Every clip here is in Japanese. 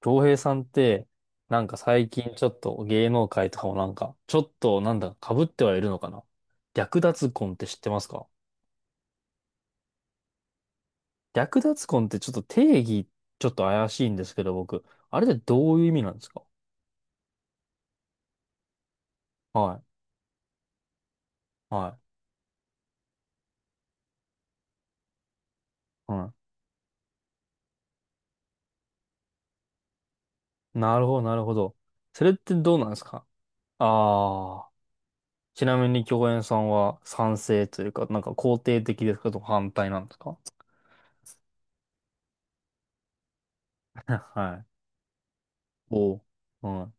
京平さんって、最近ちょっと芸能界とかもなんか、ちょっとなんだ、被ってはいるのかな。略奪婚って知ってますか？略奪婚ってちょっと定義、ちょっと怪しいんですけど、僕。あれってどういう意味なんですか？はい、はい、はい。なるほど、なるほど。それってどうなんですか？ああー、ちなみに共演さんは賛成というか、肯定的ですかと反対なんですか？ はい。おう、は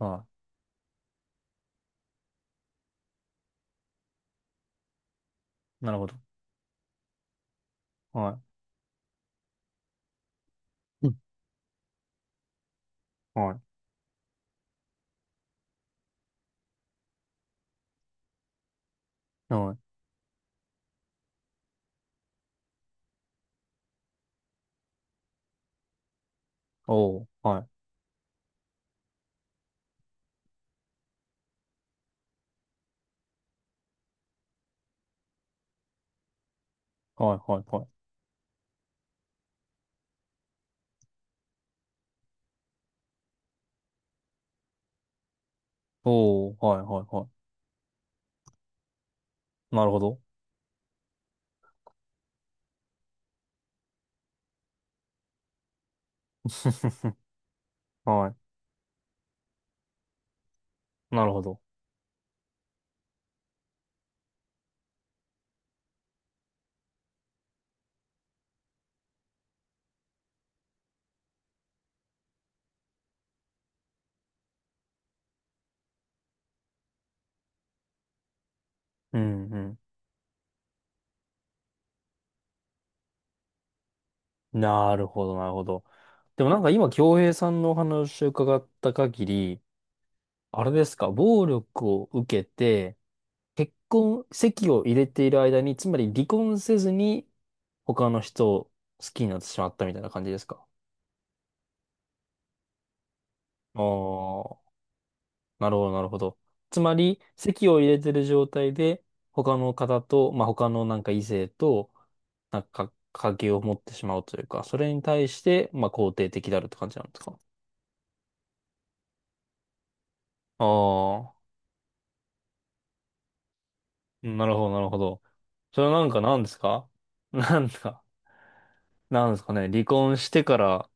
い、はい。なるほど。はい。うん、はい。はい、おお、はい。はいはいはい。おお、はいはいはい。なるほど。はい。なるほど。うんうん。なるほど、なるほど。でも今、京平さんのお話を伺った限り、あれですか、暴力を受けて、結婚、籍を入れている間に、つまり離婚せずに他の人を好きになってしまったみたいな感じですか？ああー、なるほど、なるほど。つまり、籍を入れてる状態で、他の方と、まあ、他の異性と、関係を持ってしまうというか、それに対して、まあ、肯定的であるって感じなんですか？ああ、なるほど、なるほど。それは何ですか？ なんか、なんですかね。離婚してから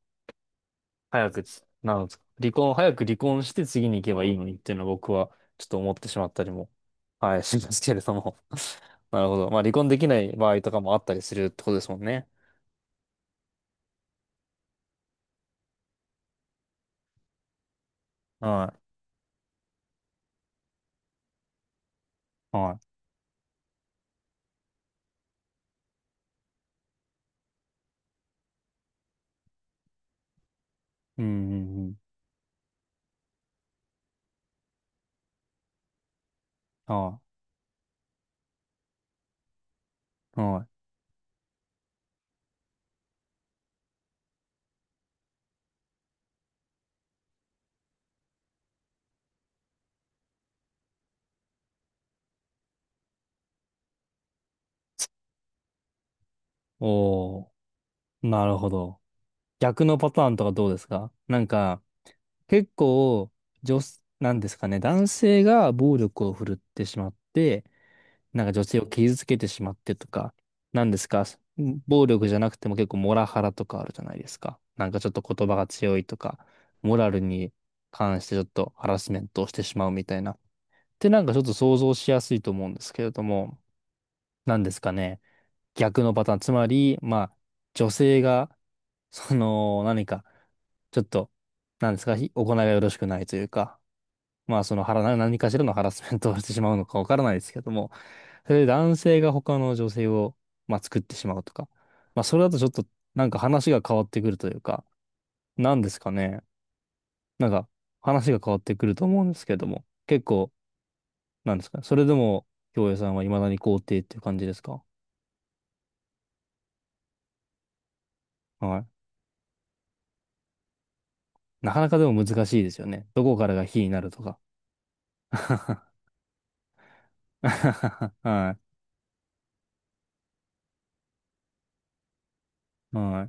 早くつ、なんですか。離婚、早く離婚して次に行けばいいのにっていうのは僕はちょっと思ってしまったりも、はい、しますけれども。なるほど。まあ離婚できない場合とかもあったりするってことですもんね。はい。はい。うん、うん、うん。はい。はい。おー。なるほど。逆のパターンとかどうですか？結構、女す、なんですかね、男性が暴力を振るってしまって、女性を傷つけてしまってとか、なんですか、暴力じゃなくても結構モラハラとかあるじゃないですか。ちょっと言葉が強いとか、モラルに関してちょっとハラスメントをしてしまうみたいな。ってちょっと想像しやすいと思うんですけれども、なんですかね、逆のパターン。つまり、まあ、女性が、その、何か、ちょっと、なんですか、ひ行いがよろしくないというか、まあそのハラな何かしらのハラスメントをしてしまうのかわからないですけども、それで男性が他の女性を、まあ、作ってしまうとか、まあそれだとちょっと話が変わってくるというか、なんですかね。なんか話が変わってくると思うんですけども、結構、なんですかね。それでも、京平さんは未だに肯定っていう感じですか？はい。なかなかでも難しいですよね。どこからが非になるとか。はい。は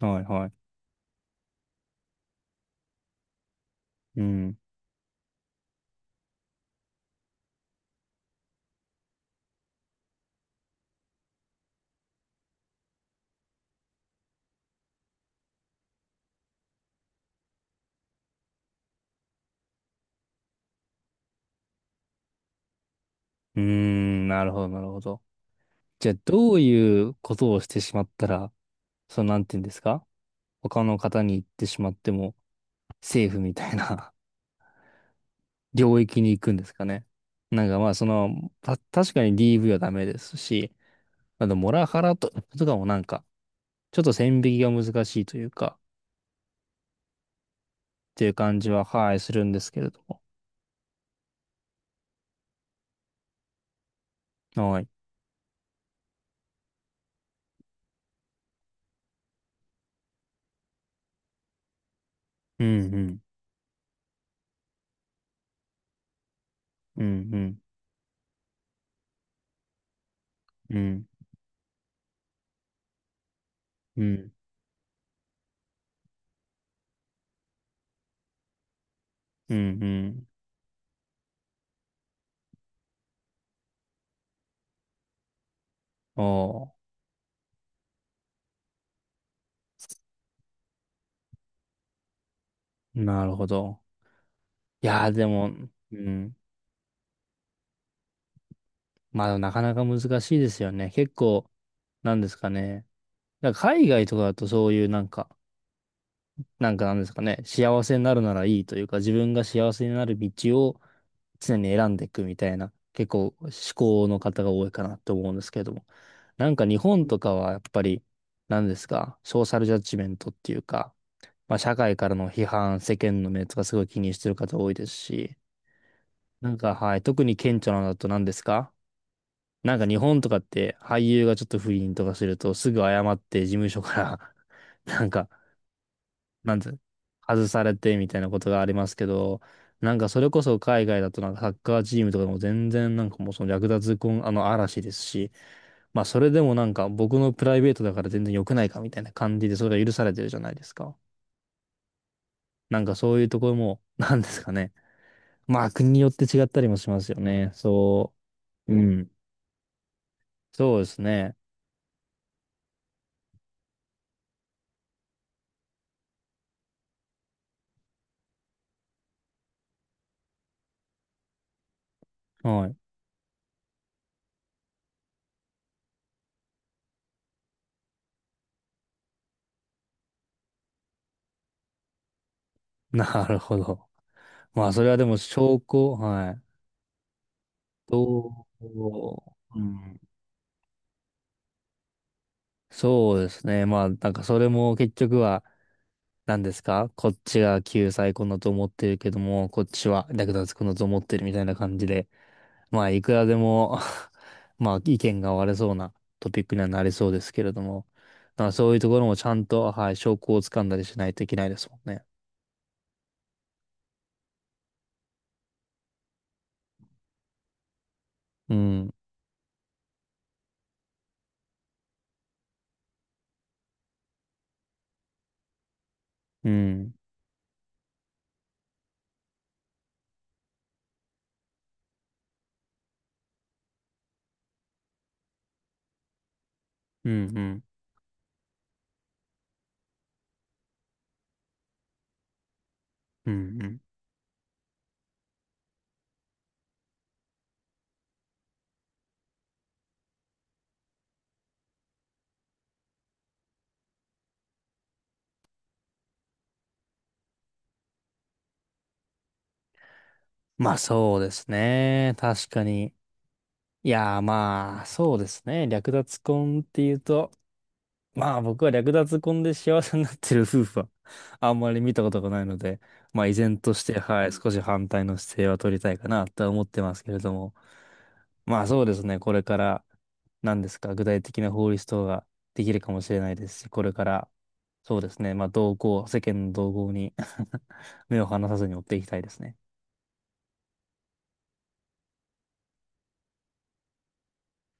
い。はい。はい。うん。うーん。なるほど、なるほど。じゃあ、どういうことをしてしまったら、その、なんていうんですか？他の方に行ってしまっても、セーフみたいな 領域に行くんですかね。まあ、その、た、確かに DV はダメですし、あと、モラハラと、とかもちょっと線引きが難しいというか、っていう感じは、はい、するんですけれども。はい。うんうん、うんうん、うん、うん、うん、うん。おー、なるほど。いやー、でも、うん。まあ、なかなか難しいですよね。結構、なんですかね。だから海外とかだとそういうなんですかね、幸せになるならいいというか、自分が幸せになる道を常に選んでいくみたいな、結構思考の方が多いかなと思うんですけれども。日本とかはやっぱり、なんですか、ソーシャルジャッジメントっていうか、まあ社会からの批判、世間の目とかすごい気にしてる方多いですし、はい、特に顕著なのだと何ですか？日本とかって俳優がちょっと不倫とかするとすぐ謝って事務所から なんか、なんて、外されてみたいなことがありますけど、それこそ海外だとサッカーチームとかでも全然もうその略奪婚、あの嵐ですし、まあそれでも僕のプライベートだから全然良くないかみたいな感じでそれが許されてるじゃないですか。そういうところも、なんですかね。まあ国によって違ったりもしますよね。そう。うん。そうですね。はい。なるほど。まあ、それはでも証拠、はい。どう、うん。そうですね。まあ、それも結局は、何ですか、こっちが救済こんだと思ってるけども、こっちは略奪こんだと思ってるみたいな感じで、まあ、いくらでも まあ、意見が割れそうなトピックにはなりそうですけれども、だからそういうところもちゃんと、はい、証拠をつかんだりしないといけないですもんね。うん、うん、うん、うん、うん、うん。まあ、そうですね。確かに。いやーまあ、そうですね。略奪婚っていうと、まあ僕は略奪婚で幸せになってる夫婦は あんまり見たことがないので、まあ依然として、はい、少し反対の姿勢は取りたいかなとは思ってますけれども。まあそうですね。これから、何ですか、具体的な法律等ができるかもしれないですし、これから、そうですね。まあ同行、世間の動向に 目を離さずに追っていきたいですね。